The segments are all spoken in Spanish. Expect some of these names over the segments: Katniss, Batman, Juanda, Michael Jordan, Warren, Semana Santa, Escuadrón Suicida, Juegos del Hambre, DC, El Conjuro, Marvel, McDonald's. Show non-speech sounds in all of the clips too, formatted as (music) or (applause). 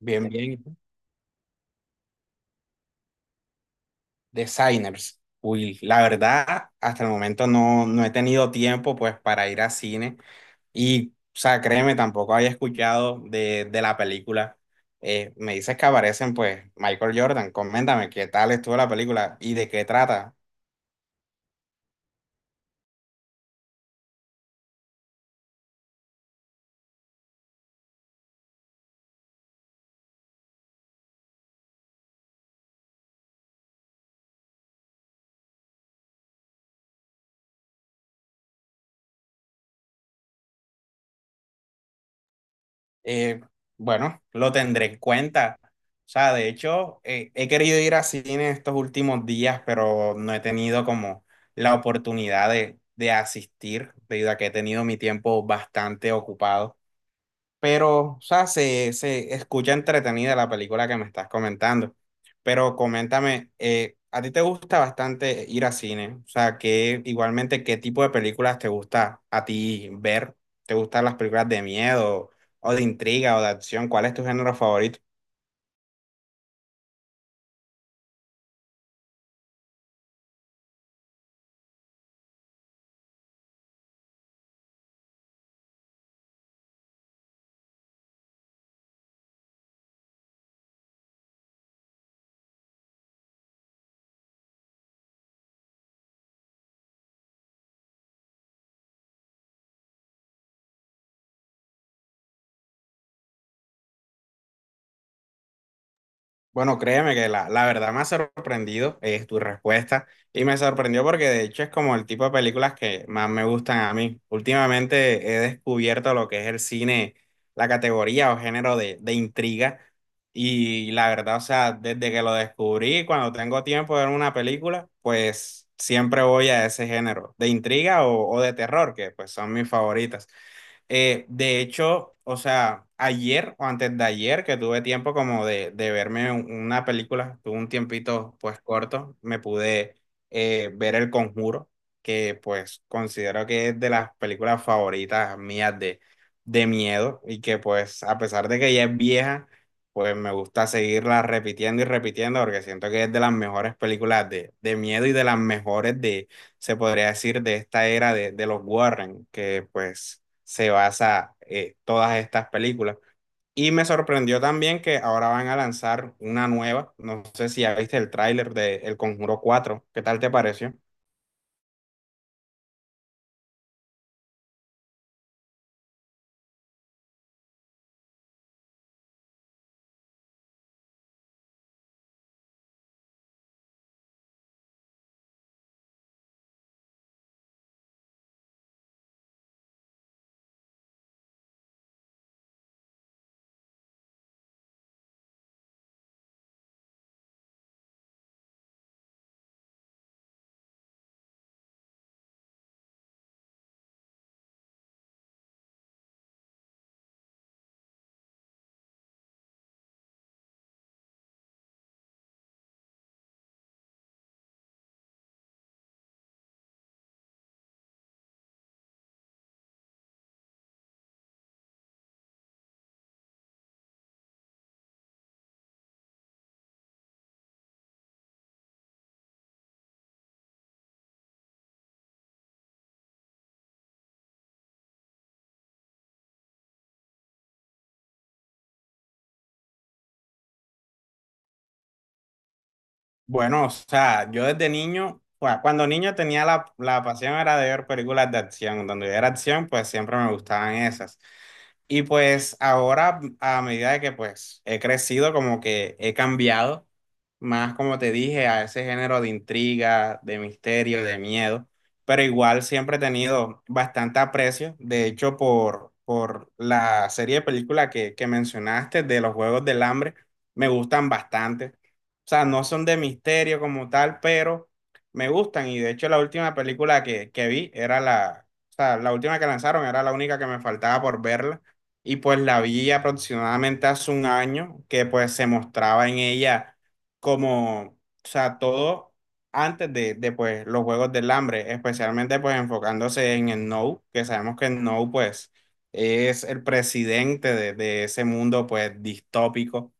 Bien, bien. Designers. Uy, la verdad, hasta el momento no he tenido tiempo pues para ir a cine y, o sea, créeme, tampoco había escuchado de la película. Me dices que aparecen pues Michael Jordan. Coméntame qué tal estuvo la película y de qué trata. Eh, bueno, lo tendré en cuenta. O sea, de hecho, he querido ir a cine estos últimos días, pero no he tenido como la oportunidad de asistir, debido a que he tenido mi tiempo bastante ocupado, pero, o sea, se escucha entretenida la película que me estás comentando. Pero coméntame, ¿a ti te gusta bastante ir a cine? O sea, que igualmente, ¿qué tipo de películas te gusta a ti ver? ¿Te gustan las películas de miedo o de intriga o de acción? ¿Cuál es tu género favorito? Bueno, créeme que la verdad me ha sorprendido es tu respuesta, y me sorprendió porque de hecho es como el tipo de películas que más me gustan a mí. Últimamente he descubierto lo que es el cine, la categoría o género de intriga, y la verdad, o sea, desde que lo descubrí, cuando tengo tiempo de ver una película, pues siempre voy a ese género de intriga o de terror, que pues son mis favoritas. De hecho, o sea, ayer o antes de ayer que tuve tiempo como de verme una película, tuve un tiempito pues corto, me pude ver El Conjuro, que pues considero que es de las películas favoritas mías de miedo, y que pues a pesar de que ya es vieja, pues me gusta seguirla repitiendo y repitiendo porque siento que es de las mejores películas de miedo y de las mejores de, se podría decir, de esta era de los Warren, que pues se basa todas estas películas. Y me sorprendió también que ahora van a lanzar una nueva, no sé si ya viste el tráiler de El Conjuro cuatro. ¿Qué tal te pareció? Bueno, o sea, yo desde niño, pues, cuando niño tenía la pasión era de ver películas de acción. Donde yo era acción, pues siempre me gustaban esas. Y pues ahora, a medida de que pues he crecido, como que he cambiado más, como te dije, a ese género de intriga, de misterio, de miedo. Pero igual siempre he tenido bastante aprecio, de hecho, por la serie de películas que mencionaste de los Juegos del Hambre, me gustan bastante. O sea, no son de misterio como tal, pero me gustan. Y de hecho, la última película que vi era la, o sea, la última que lanzaron era la única que me faltaba por verla. Y pues la vi aproximadamente hace un año, que pues se mostraba en ella como, o sea, todo antes de pues los Juegos del Hambre, especialmente pues enfocándose en el No, que sabemos que el No pues es el presidente de ese mundo pues distópico,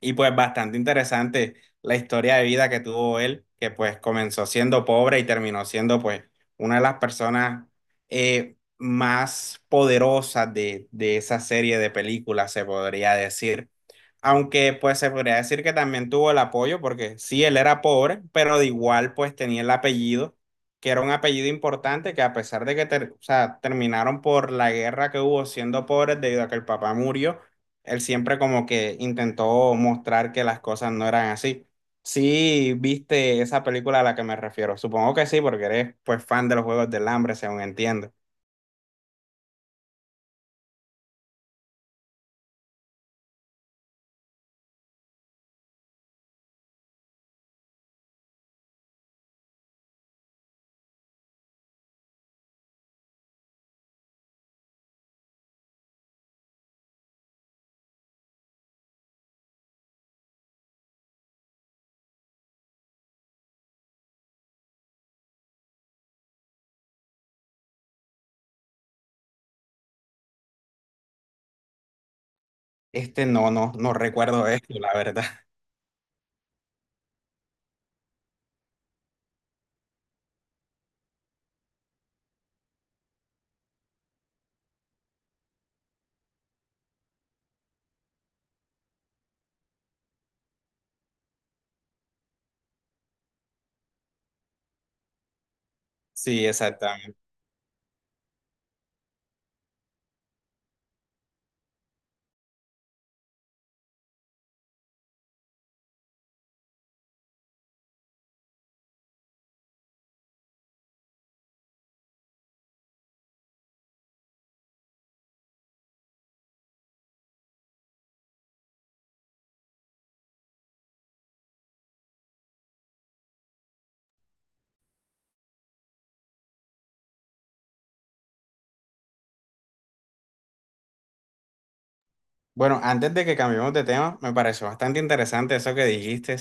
y pues bastante interesante la historia de vida que tuvo él, que pues comenzó siendo pobre y terminó siendo pues una de las personas más poderosas de esa serie de películas, se podría decir. Aunque pues se podría decir que también tuvo el apoyo, porque sí, él era pobre, pero de igual pues tenía el apellido, que era un apellido importante, que a pesar de que o sea, terminaron por la guerra que hubo siendo pobres debido a que el papá murió, él siempre como que intentó mostrar que las cosas no eran así. Sí, viste esa película a la que me refiero. Supongo que sí, porque eres pues fan de los Juegos del Hambre, según entiendo. Este no recuerdo esto, la verdad. (laughs) Sí, exactamente. Bueno, antes de que cambiemos de tema, me pareció bastante interesante eso que dijiste.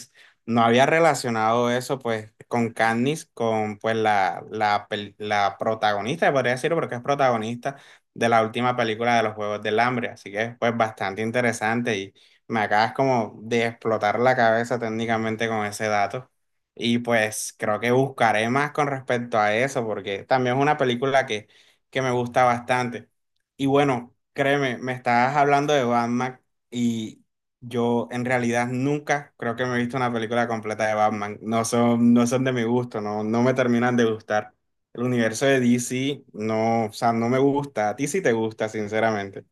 No había relacionado eso pues con Katniss, con pues la la protagonista, podría decirlo porque es protagonista de la última película de los Juegos del Hambre, así que pues bastante interesante, y me acabas como de explotar la cabeza técnicamente con ese dato. Y pues creo que buscaré más con respecto a eso porque también es una película que me gusta bastante. Y bueno, créeme, me estabas hablando de Batman, y yo en realidad nunca creo que me he visto una película completa de Batman. No son de mi gusto, no me terminan de gustar. El universo de DC no, o sea, no me gusta. A ti sí te gusta, sinceramente.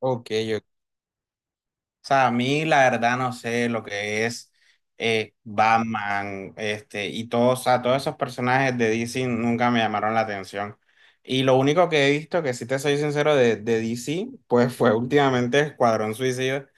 Ok. O sea, a mí la verdad no sé lo que es Batman, este, y todos, o sea, todos esos personajes de DC nunca me llamaron la atención. Y lo único que he visto, que si te soy sincero, de DC, pues fue últimamente Escuadrón Suicida.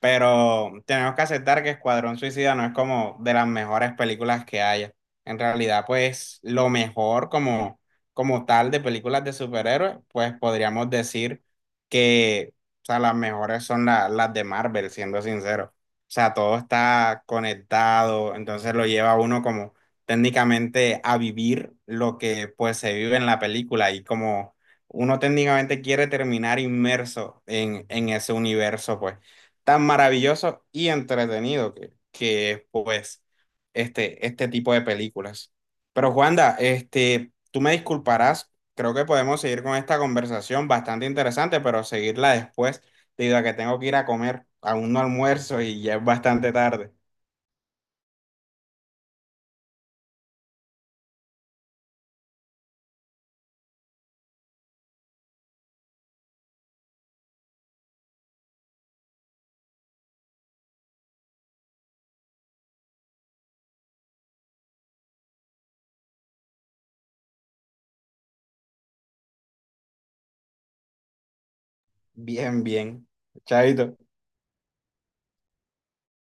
Pero tenemos que aceptar que Escuadrón Suicida no es como de las mejores películas que haya. En realidad, pues lo mejor como, como tal de películas de superhéroes, pues podríamos decir que, o sea, las mejores son las de Marvel, siendo sincero. O sea, todo está conectado, entonces lo lleva a uno como técnicamente a vivir lo que pues se vive en la película, y como uno técnicamente quiere terminar inmerso en ese universo, pues tan maravilloso y entretenido que es, pues, este tipo de películas. Pero Juanda, este, tú me disculparás, creo que podemos seguir con esta conversación bastante interesante, pero seguirla después, debido a que tengo que ir a comer, aún no almuerzo y ya es bastante tarde. Bien, bien. Chaito.